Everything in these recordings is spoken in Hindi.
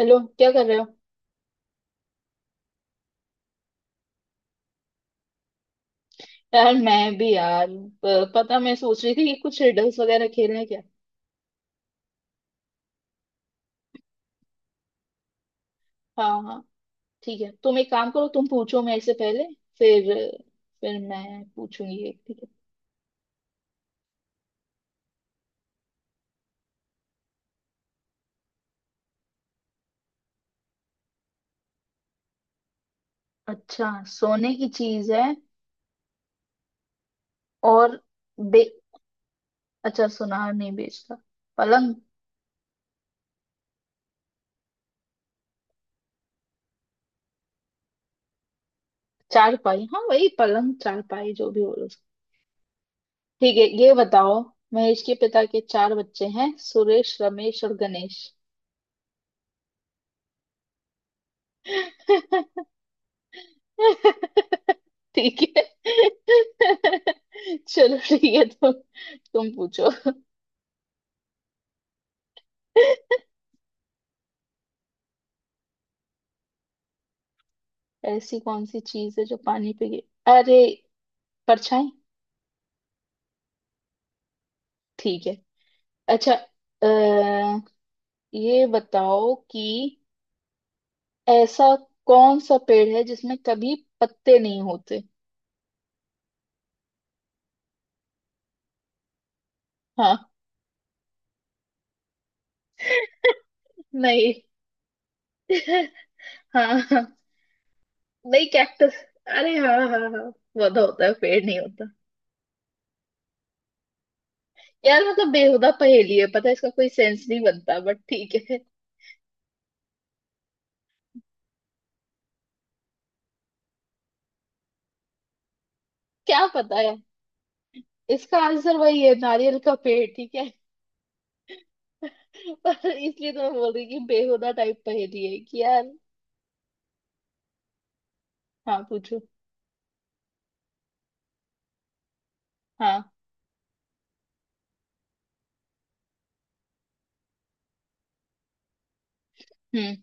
हेलो, क्या कर रहे हो? यार मैं भी यार, पता मैं सोच रही थी कि कुछ रिडल्स वगैरह खेल रहे क्या? हाँ हाँ। ठीक है, तुम एक काम करो, तुम पूछो मेरे से पहले। फिर फिर मैं पूछूंगी एक। ठीक है। अच्छा, सोने की चीज है। और। बे अच्छा, सुनार नहीं बेचता। पलंग। चारपाई, हाँ वही पलंग चारपाई जो भी बोलो उसको। ठीक है, ये बताओ। महेश के पिता के चार बच्चे हैं, सुरेश, रमेश और गणेश। ठीक है। चलो ठीक है, तुम पूछो। ऐसी कौन सी चीज है जो पानी पे गिर अरे, परछाई। ठीक है। अच्छा। अ, ये बताओ कि ऐसा कौन सा पेड़ है जिसमें कभी पत्ते नहीं होते? हाँ। नहीं। हाँ हाँ। नहीं कैक्टस। अरे हाँ हाँ हाँ, पौधा होता है, पेड़ नहीं होता। यार मतलब बेहुदा पहेली है पता है, इसका कोई सेंस नहीं बनता बट ठीक है। क्या पता है, इसका आंसर वही है, नारियल का पेड़। ठीक है। पर इसलिए तो मैं बोल रही कि बेहुदा टाइप पहेली है कि यार। हाँ पूछो। हाँ। हम्म।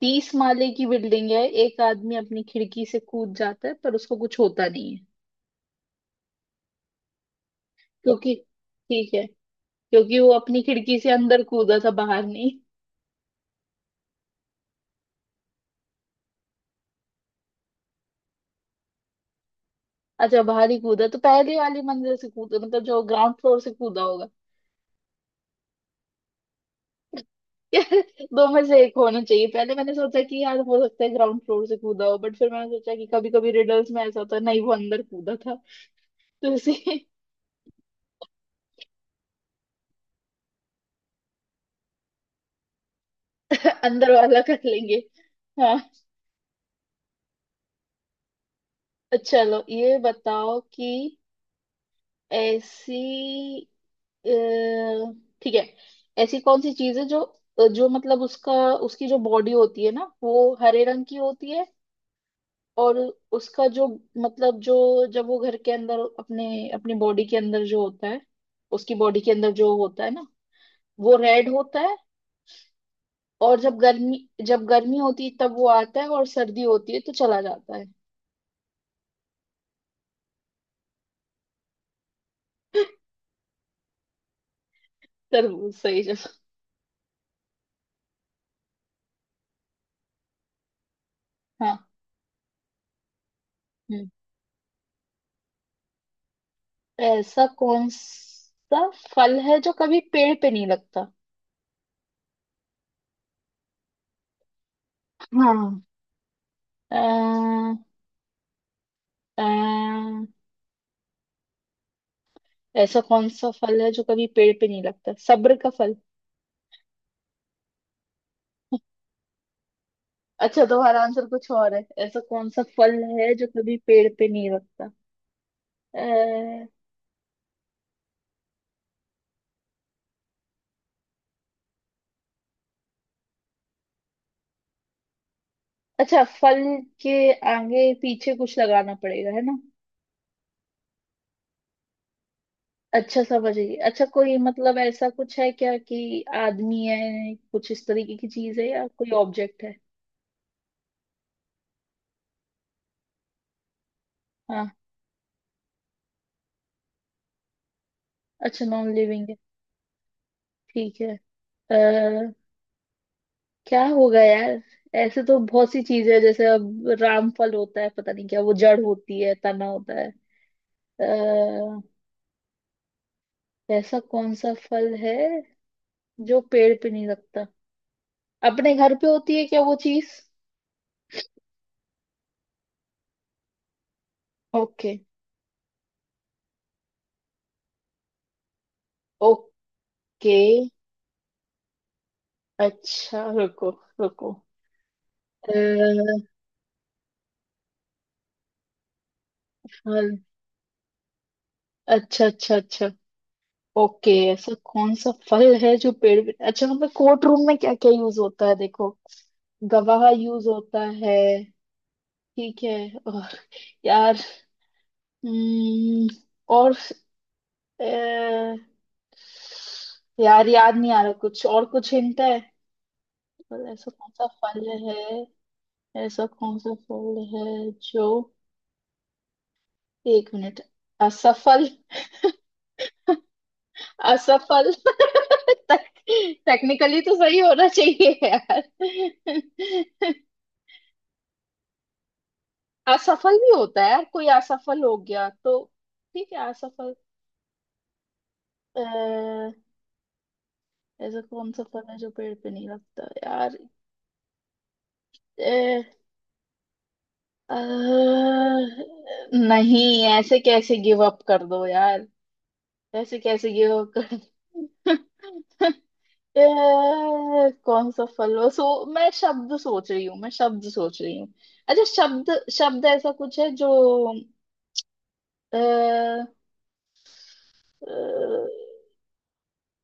तीस माले की बिल्डिंग है, एक आदमी अपनी खिड़की से कूद जाता है पर उसको कुछ होता नहीं है। क्योंकि, ठीक है, क्योंकि वो अपनी खिड़की से अंदर कूदा था, बाहर नहीं। अच्छा, बाहर ही कूदा तो पहले वाली मंजिल से कूदा, मतलब जो ग्राउंड फ्लोर से कूदा होगा। यार, दो में से एक होना चाहिए। पहले मैंने सोचा कि यार हो सकता है ग्राउंड फ्लोर से कूदा हो, बट फिर मैंने सोचा कि कभी कभी रिडल्स में ऐसा होता है, नहीं, वो अंदर कूदा था तो इसे। अंदर वाला कर लेंगे। हाँ। अच्छा, चलो ये बताओ कि ऐसी अ, ठीक है, ऐसी कौन सी चीज है जो, जो मतलब उसका उसकी जो बॉडी होती है ना, वो हरे रंग की होती है, और उसका जो मतलब, जो जब वो घर के अंदर अपने अपनी बॉडी के अंदर जो होता है, उसकी बॉडी के अंदर जो होता है ना, वो रेड होता है। और जब गर्मी होती है तब वो आता है, और सर्दी होती है तो चला जाता है। तरबूज। सही जगह। हाँ। हम्म। ऐसा कौन सा फल है जो कभी पेड़ पे नहीं लगता? हाँ। अ, अ, ऐसा कौन सा फल है जो कभी पेड़ पे नहीं लगता? सब्र का फल। अच्छा, तुम्हारा आंसर कुछ और है? ऐसा कौन सा फल है जो कभी पेड़ पे नहीं लगता? अ, अच्छा, फल के आगे पीछे कुछ लगाना पड़ेगा है ना? अच्छा समझ गई। अच्छा, कोई मतलब ऐसा कुछ है क्या कि आदमी है, कुछ इस तरीके की चीज है, या कोई ऑब्जेक्ट है? हाँ। अच्छा नॉन लिविंग है। ठीक है। अ, क्या होगा यार? ऐसे तो बहुत सी चीजें हैं, जैसे अब रामफल होता है, पता नहीं क्या। वो जड़ होती है, तना होता है। अः ऐसा कौन सा फल है जो पेड़ पे नहीं लगता? अपने घर पे होती है क्या वो चीज? ओके। ओके। अच्छा रुको, रुको। अ, फल। अच्छा, अच्छा, अच्छा। ओके, ऐसा कौन सा फल है जो पेड़ पे अच्छा, हमें कोर्ट रूम में क्या क्या यूज होता है देखो? गवाह यूज होता है। ठीक है। और यार। हम्म, और अ, यार याद नहीं आ रहा, कुछ और कुछ हिंट है? और ऐसा कौन सा फल है? ऐसा कौन सा फल है जो, एक मिनट, असफल। असफल। टेक, टेक्निकली तो सही होना चाहिए यार। असफल भी होता है यार, कोई असफल हो गया तो। ठीक है, असफल। अह, ऐसा कौन सा फल है जो पेड़ पे नहीं लगता यार? अह, अह, नहीं ऐसे कैसे गिव अप कर दो यार? ऐसे कैसे गिव अप कर दो? कौन सा फल हो सो, मैं शब्द सोच रही हूँ, मैं शब्द सोच रही हूँ। अच्छा शब्द। शब्द ऐसा कुछ है जो अ, अ,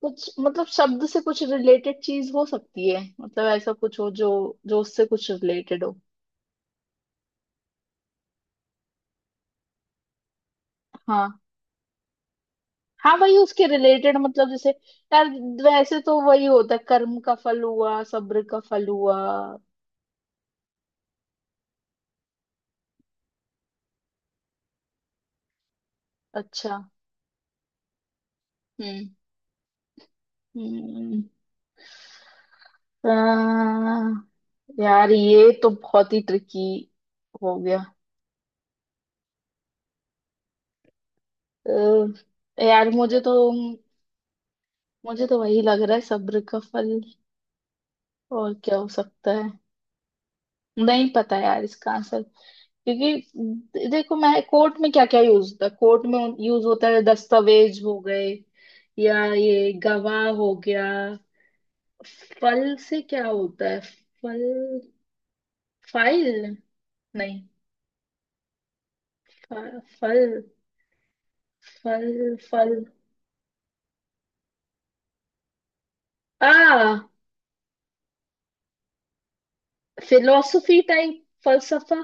कुछ मतलब शब्द से कुछ रिलेटेड चीज हो सकती है, मतलब ऐसा कुछ हो जो, जो उससे कुछ रिलेटेड हो। हाँ। हाँ वही, उसके रिलेटेड मतलब जैसे, यार वैसे तो वही होता है, कर्म का फल हुआ, सब्र का फल हुआ। अच्छा। हम्म। हम्म। यार ये तो बहुत ही ट्रिकी हो गया। यार मुझे तो वही लग रहा है सब्र का फल। और क्या हो सकता है? नहीं पता यार इसका आंसर। क्योंकि देखो, मैं कोर्ट में क्या क्या यूज होता है, कोर्ट में यूज होता है? दस्तावेज हो गए, या ये गवाह हो गया। फल से क्या होता है? फल, फाइल, नहीं। फल, फल, फल। आ फिलोसफी टाइप, फलसफा।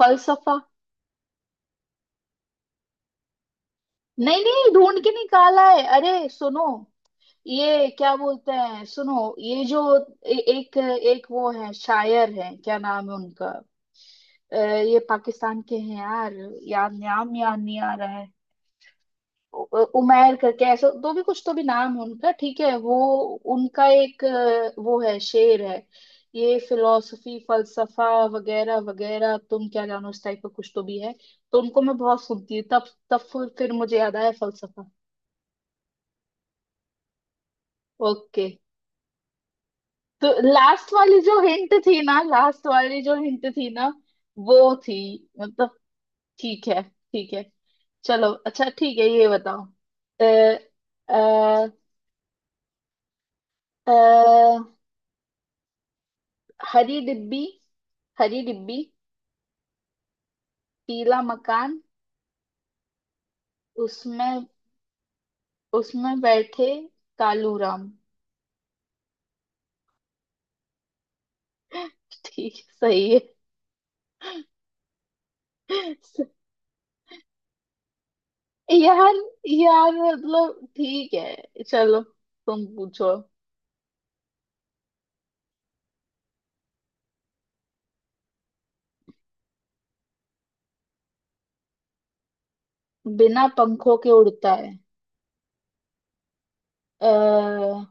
फलसफा। नहीं नहीं ढूंढ के निकाला है, अरे सुनो। ये क्या बोलते हैं, सुनो, ये जो एक एक वो है शायर है, क्या नाम है उनका? अ, ये पाकिस्तान के हैं यार। याद, नाम याद नहीं आ रहा। उमैर करके ऐसा दो भी कुछ तो भी नाम है उनका, ठीक है वो। उनका एक, वो है, शेर है, ये फिलोसफी, फलसफा वगैरह वगैरह, तुम क्या जानो इस टाइप का कुछ तो भी है। तो उनको मैं बहुत सुनती हूँ, तब तब फिर मुझे याद आया फलसफा। ओके। तो लास्ट वाली जो हिंट थी ना, लास्ट वाली जो हिंट थी ना, वो थी मतलब, ठीक है, ठीक है चलो, अच्छा ठीक है, ये बताओ। अ, अ, अ, हरी डिब्बी। हरी डिब्बी, पीला मकान, उसमें उसमें बैठे कालू राम। ठीक, सही है। स- यार, यार मतलब ठीक है चलो, तुम पूछो। बिना पंखों के उड़ता है? अः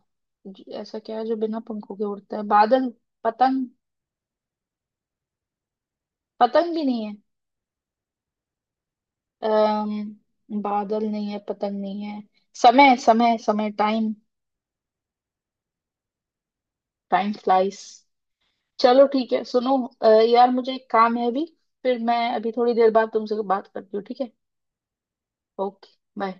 ऐसा क्या है जो बिना पंखों के उड़ता है? बादल? पतंग? पतंग भी नहीं है। अः बादल नहीं है, पतंग नहीं है। समय, समय, समय, टाइम। Time flies. चलो ठीक है सुनो, यार मुझे एक काम है अभी। फिर मैं अभी थोड़ी देर बाद तुमसे बात करती हूँ, ठीक है? ओके। बाय।